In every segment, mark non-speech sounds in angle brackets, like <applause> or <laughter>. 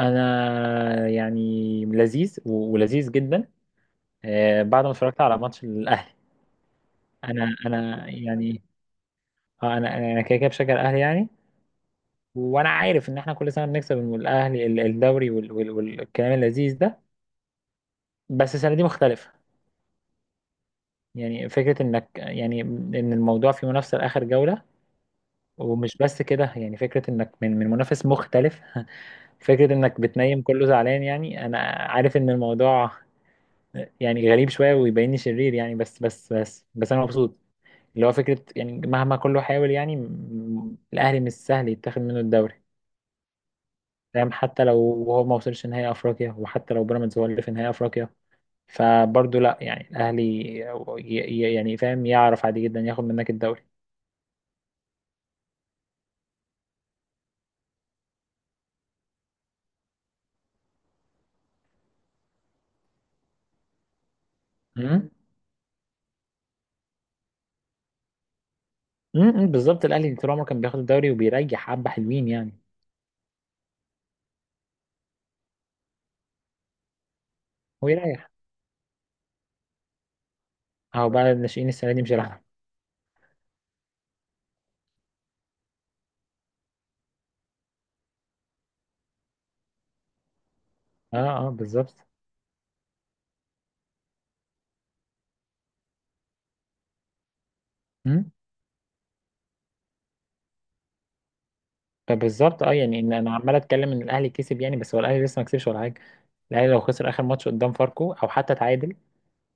انا يعني لذيذ ولذيذ جدا. بعد ما اتفرجت على ماتش الاهلي. انا يعني. انا كده كده بشجع الاهلي يعني. وانا عارف ان احنا كل سنه بنكسب الاهلي الدوري والكلام اللذيذ ده. بس السنه دي مختلفه. يعني فكره انك يعني ان الموضوع في منافسه لاخر جوله. ومش بس كده، يعني فكره انك من منافس مختلف. <laughs> فكره انك بتنيم كله زعلان، يعني انا عارف ان الموضوع يعني غريب شوية ويبيني شرير يعني، بس أنا مبسوط. اللي هو فكرة يعني مهما كله حاول يعني، الأهلي مش سهل يتاخد منه الدوري، فاهم؟ حتى لو هو ما وصلش نهائي أفريقيا، وحتى لو بيراميدز هو اللي في نهائي أفريقيا، فبرضه لأ، يعني الأهلي ي- يعني فاهم، يعرف عادي جدا ياخد منك الدوري. أمم، أمم، بالظبط، الأهلي طول عمره كان بياخد الدوري وبيريح حبة حلوين يعني. هو يريح. أهو بقى الناشئين السنة دي مش هيلعبوا. أه. أه بالظبط. فبالظبط اه، يعني ان انا عمال اتكلم ان الاهلي كسب يعني، بس هو الاهلي لسه ما كسبش ولا حاجه. الاهلي لو خسر اخر ماتش قدام فاركو او حتى تعادل،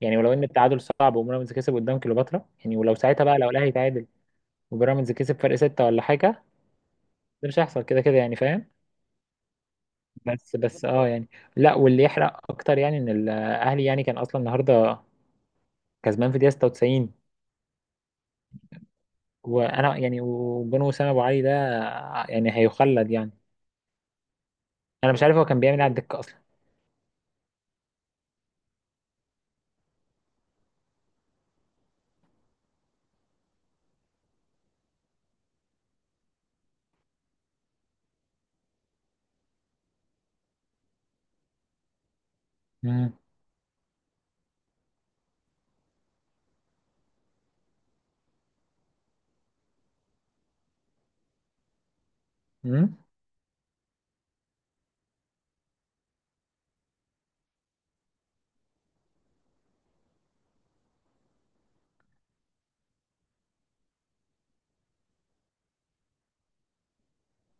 يعني ولو ان التعادل صعب، وبيراميدز كسب قدام كليوباترا، يعني ولو ساعتها بقى، لو الاهلي تعادل وبيراميدز كسب فرق ستة ولا حاجه، ده مش هيحصل كده كده يعني، فاهم؟ بس اه يعني. لا، واللي يحرق اكتر يعني ان الاهلي يعني كان اصلا النهارده كسبان في دقيقه 96. وانا يعني، وجون وسام ابو علي ده يعني هيخلد يعني. انا مش عارف هو كان بيعمل إيه على الدكه اصلا. امم.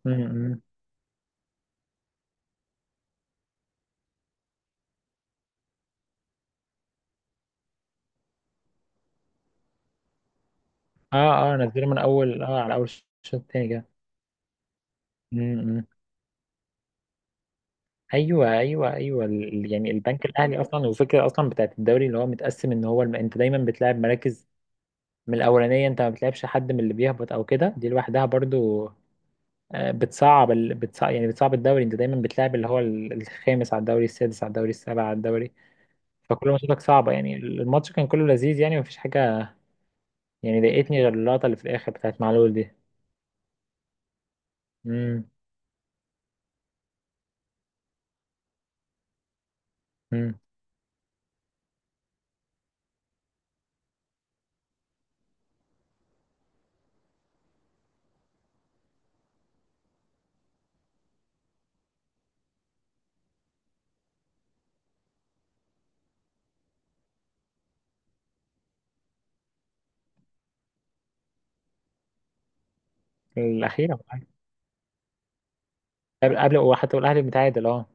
امم. اه اه، نزله من اول، اه، على اول الشوط التاني كده. امم. إمم. ايوه ايوه ايوه، يعني البنك الاهلي اصلا، والفكره اصلا بتاعت الدوري اللي هو متقسم ان هو الم... انت دايما بتلعب مراكز من الاولانيه، انت ما بتلعبش حد من اللي بيهبط او كده، دي لوحدها برضو بتصعب ال... بتصعب، يعني بتصعب الدوري. انت دايما بتلعب اللي هو الخامس على الدوري، السادس على الدوري، السابع على الدوري، فكل ماتشاتك صعبه يعني. الماتش كان كله لذيذ يعني، مفيش حاجه يعني ضايقتني غير اللقطه اللي في الاخر بتاعت معلول دي. امم. امم. الاخيره. قبل، قبل، وحتى والاهلي متعادل، اه.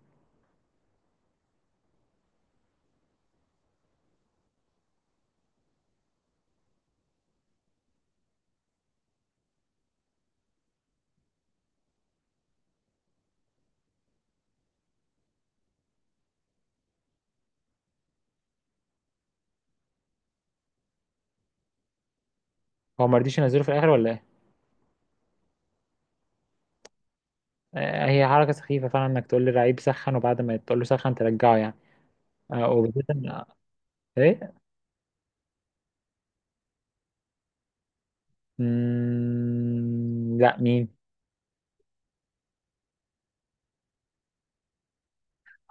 هو ما رضيش ينزله في الاخر ولا ايه؟ هي حركه سخيفه فعلا انك تقول للعيب سخن، وبعد ما تقول له سخن ترجعه يعني. وبالذات ايه. مم... لا مين؟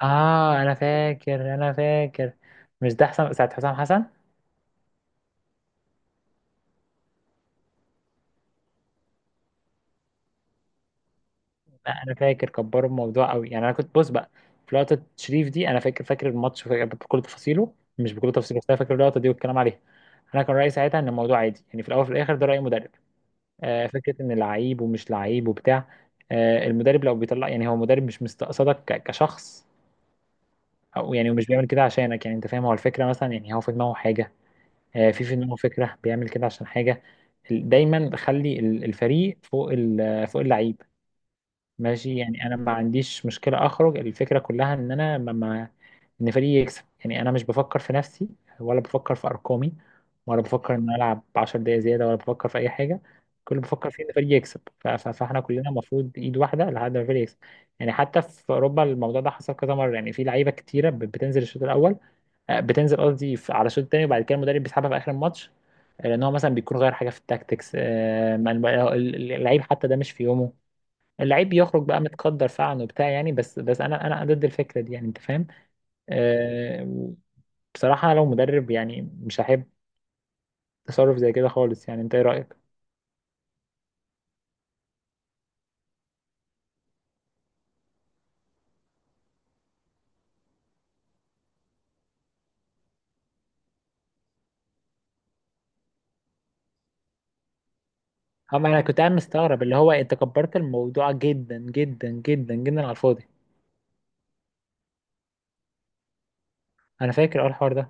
اه انا فاكر، انا فاكر. مش ده حسام، ساعه حسام حسن؟ لا انا فاكر كبروا الموضوع قوي يعني، انا كنت بص بقى في لقطه شريف دي، انا فاكر، فاكر الماتش، فاكر بكل تفاصيله، مش بكل تفاصيله، بس انا فاكر اللقطه دي والكلام عليها. انا كان رايي ساعتها ان الموضوع عادي يعني، في الاول وفي الاخر ده راي مدرب. فكره ان لعيب ومش لعيب وبتاع. المدرب لو بيطلع يعني هو مدرب، مش مستقصدك كشخص. او يعني ومش بيعمل كده عشانك، يعني انت فاهم، هو الفكره مثلا يعني هو في دماغه حاجه. في دماغه فكره بيعمل كده عشان حاجه. دايما خلي الفريق فوق فوق اللعيب. ماشي يعني، انا ما عنديش مشكله. اخرج الفكره كلها ان انا ما، ان فريقي يكسب يعني. انا مش بفكر في نفسي، ولا بفكر في ارقامي، ولا بفكر ان أنا العب 10 دقايق زياده، ولا بفكر في اي حاجه. كل اللي بفكر فيه ان فريقي يكسب. فاحنا كلنا المفروض ايد واحده لحد ما الفريق يكسب. يعني حتى في اوروبا الموضوع ده حصل كذا مره، يعني في لعيبه كتيره بتنزل الشوط الاول، بتنزل قصدي على الشوط الثاني، وبعد كده المدرب بيسحبها في اخر الماتش، لان هو مثلا بيكون غير حاجه في التاكتكس، اللعيب حتى ده مش في يومه. اللعيب بيخرج بقى متقدر فعلا وبتاع يعني، بس انا ضد الفكره دي يعني، انت فاهم؟ آه، بصراحة لو مدرب يعني مش هحب تصرف زي كده خالص يعني، انت ايه رأيك؟ اما انا كنت قاعد مستغرب اللي هو انت كبرت الموضوع جدا جدا جدا جدا على الفاضي. انا فاكر اه الحوار ده.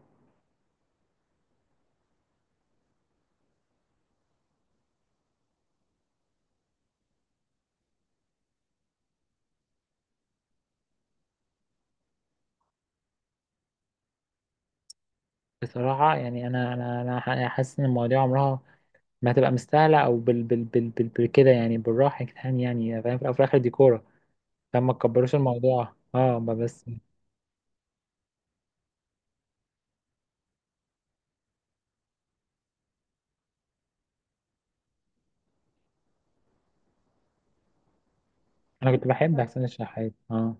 بصراحة يعني، أنا حاسس ان المواضيع عمرها ما هتبقى مستاهلة او بال كده يعني، بالراحة يا جدعان يعني، فاهم، في الأول وفي الاخر دي كورة، فما تكبروش الموضوع اه ما بس. انا كنت بحب حسين الشحات، اه.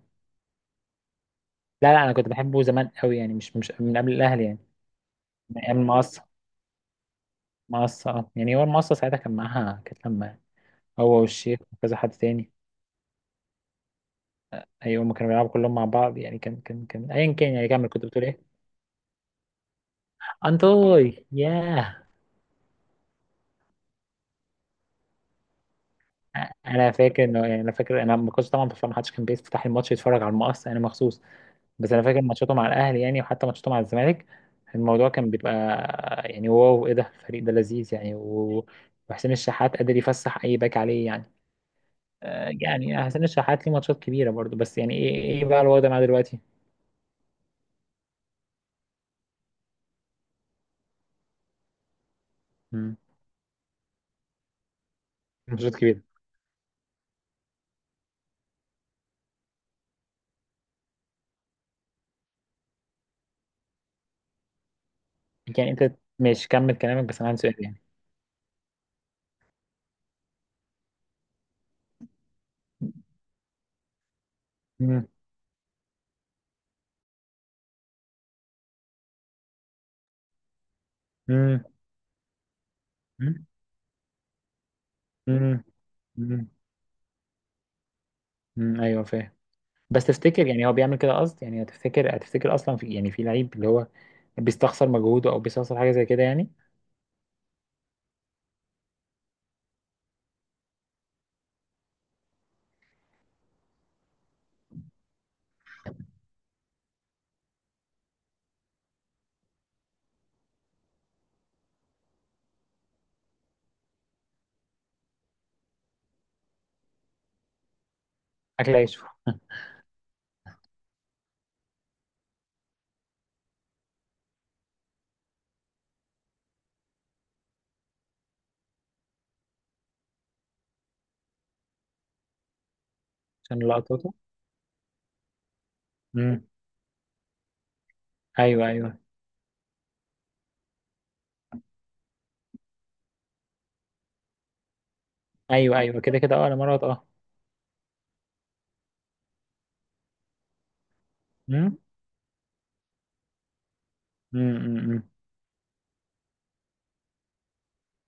لا لا، انا كنت بحبه زمان قوي يعني، مش من قبل الاهلي يعني، من ايام المقصة. مقصة اه، يعني هو المقصة ساعتها كان معاها، كانت لما هو والشيخ وكذا حد تاني. ايوه هما كانوا بيلعبوا كلهم مع بعض يعني، كان ايا كان يعني، كمل، كنت بتقول ايه؟ انتوي، ياه. انا فاكر انه يعني، انا فاكر انا ما كنتش طبعا بتفرج، ما حدش كان بيفتح الماتش يتفرج على المقص، انا مخصوص. بس انا فاكر ماتشاته مع الاهلي يعني، وحتى ماتشاته مع الزمالك، الموضوع كان بيبقى يعني، واو، ايه ده، الفريق ده لذيذ يعني، و- وحسين الشحات قادر يفسح اي باك عليه يعني. يعني حسين الشحات ليه ماتشات كبيره برضو، بس يعني ايه، ايه بقى الوضع معاه دلوقتي. مم. ماتشات كبيره. يعني انت مش كمل كلامك، بس انا عندي سؤال يعني. مم. مم. مم. مم. مم. مم. ايوه فاهم. بس تفتكر يعني هو بيعمل كده قصد يعني؟ هتفتكر، هتفتكر اصلا في يعني في لعيب اللي هو بيستخسر مجهوده، او بيستخسر حاجه زي كده يعني؟ اكل عيشه. عشان لقطاته. مم. ايوه ايوه ايوه كده كده اه انا مرات اه. مم. مم. مم. مم.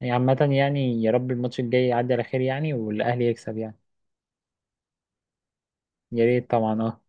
يعني عامه يعني يا رب الماتش الجاي يعدي على خير يعني، والاهلي يكسب يعني. يا ريت طبعا اه.